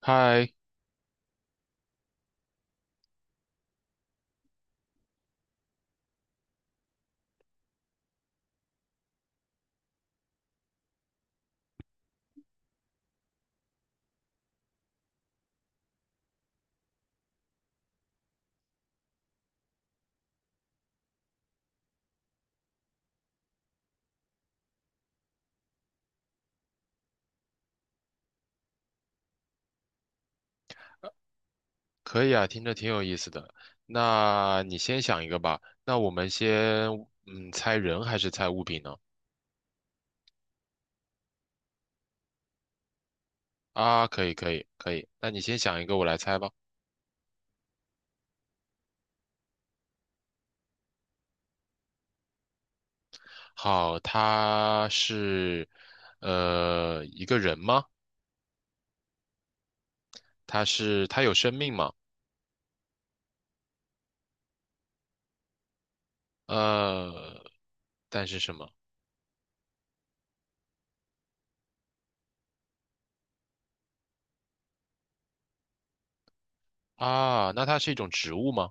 嗨，可以啊，听着挺有意思的。那你先想一个吧。那我们先，猜人还是猜物品呢？啊，可以，可以，可以。那你先想一个，我来猜吧。好，他是，一个人吗？他有生命吗？呃，但是什么？啊，那它是一种植物吗？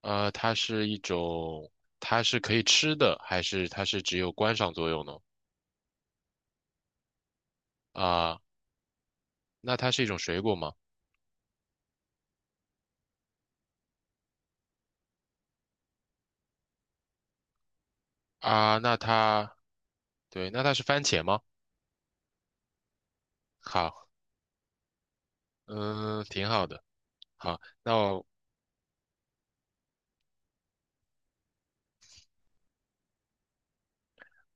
它是一种，它是可以吃的，还是它是只有观赏作用呢？啊，那它是一种水果吗？啊，对，那它是番茄吗？好，嗯，挺好的。好，那我，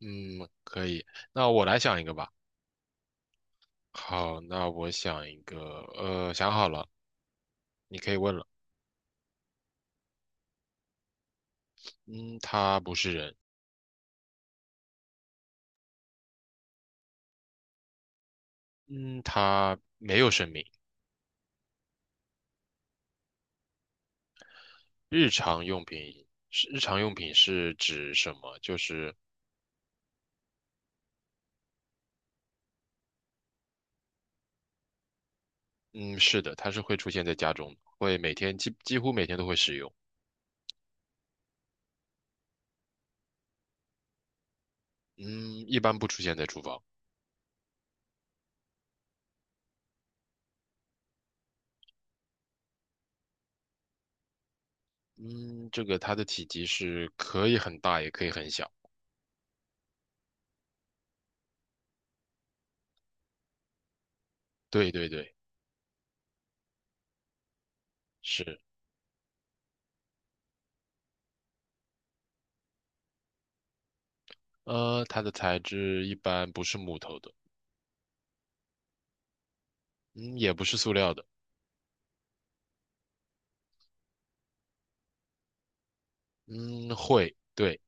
嗯，可以。那我来想一个吧。好，那我想一个，想好了，你可以问了。嗯，它不是人，嗯，它没有生命。日常用品是指什么？就是，嗯，是的，它是会出现在家中的会每天几几乎每天都会使用。嗯，一般不出现在厨房。嗯，这个它的体积是可以很大，也可以很小。对对对，是。它的材质一般不是木头的，嗯，也不是塑料的，嗯，会，对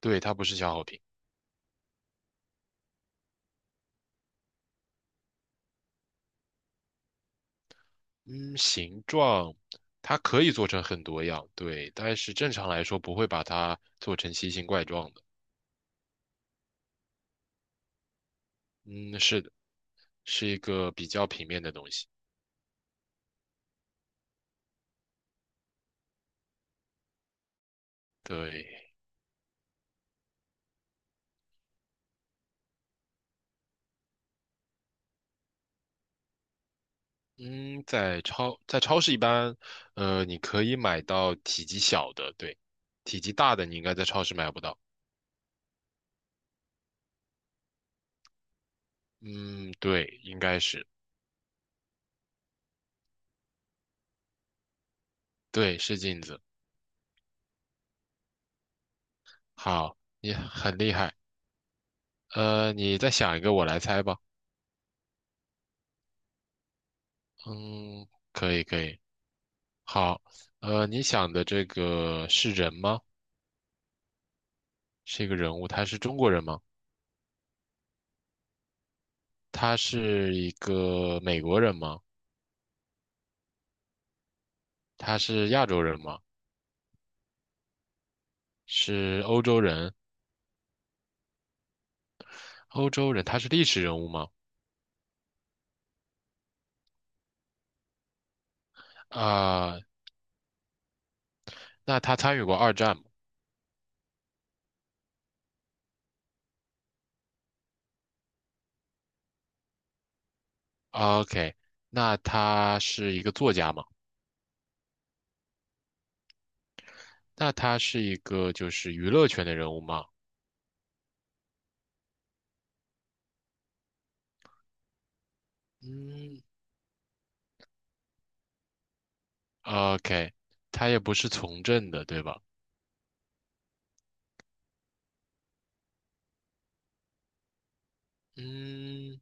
对，它不是消耗品。嗯，形状它可以做成很多样，对，但是正常来说不会把它做成奇形怪状的。嗯，是的，是一个比较平面的东西。对，嗯，在超市一般，你可以买到体积小的，对，体积大的你应该在超市买不到。嗯，对，应该是，对，是镜子。好，你很厉害。你再想一个，我来猜吧。嗯，可以，可以。好，你想的这个是人吗？是一个人物，他是中国人吗？他是一个美国人吗？他是亚洲人吗？是欧洲人？欧洲人，他是历史人物吗？啊，那他参与过二战吗？OK，那他是一个作家吗？那他是一个就是娱乐圈的人物吗？嗯，OK，他也不是从政的，对吧？嗯，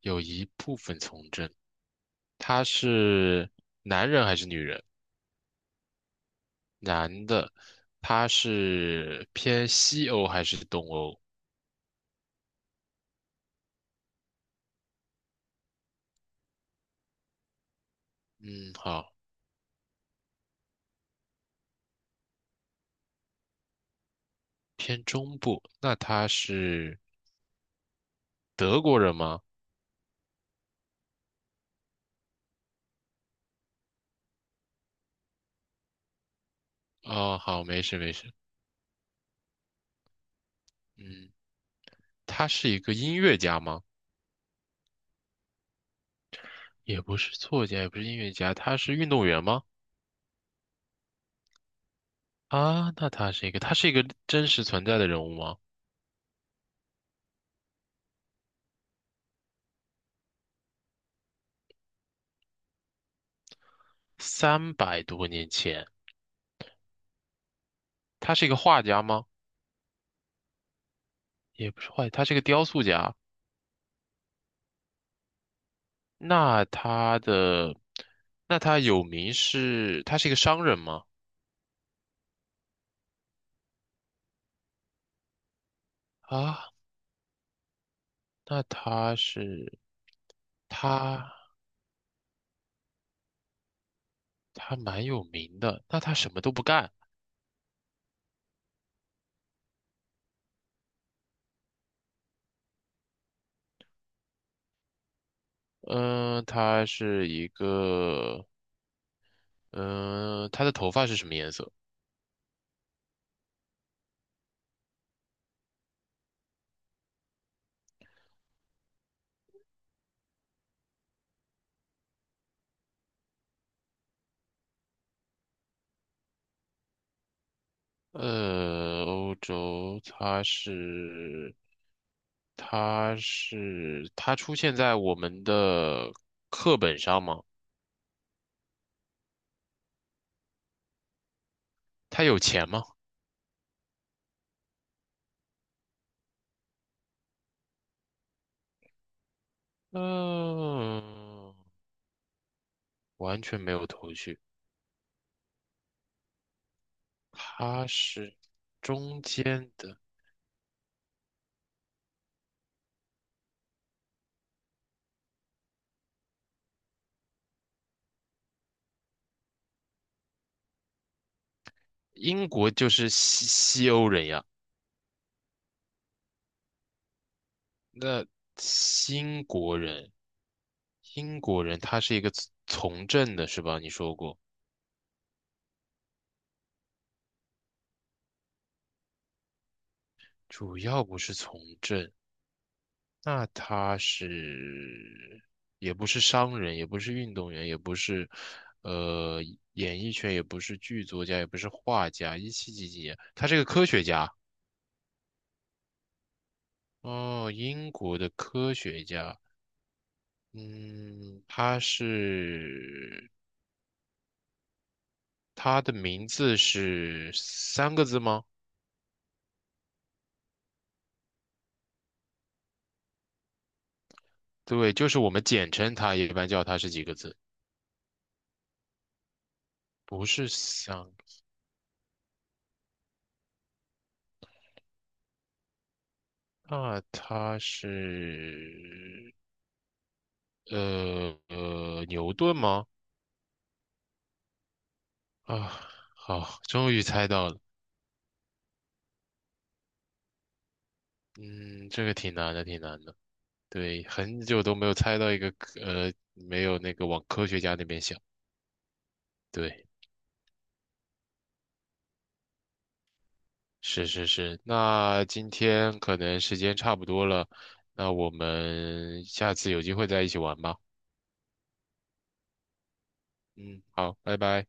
有一部分从政。他是女人，男的，他是偏西欧还是东欧？嗯，好，偏中部。那他是德国人吗？哦，好，没事没事。嗯。他是一个音乐家吗？也不是作家，也不是音乐家，他是运动员吗？啊，那他是一个，他是一个真实存在的人物吗？300多年前，他是一个画家吗？也不是画家，他是一个雕塑家。那他的，那他有名是，他是一个商人吗？啊，那他是，他他蛮有名的，那他什么都不干。嗯、他是一个，嗯、他的头发是什么颜色？欧洲，它出现在我们的课本上吗？它有钱吗？嗯、完全没有头绪。它是中间的，英国就是西欧人呀。那新国人，英国人他是一个从政的，是吧？你说过，主要不是从政。那他是也不是商人，也不是运动员，也不是呃演艺圈，也不是剧作家，也不是画家。一七几几年，他是个科学家哦，英国的科学家。嗯，他的名字是3个字吗？对，就是我们简称他，也一般叫他是几个字，不是3个。那他是牛顿吗？啊，好，终于猜到了。嗯，这个挺难的，挺难的。对，很久都没有猜到一个科呃，没有那个往科学家那边想。对，是是是。那今天可能时间差不多了，那我们下次有机会再一起玩吧。嗯，好，拜拜。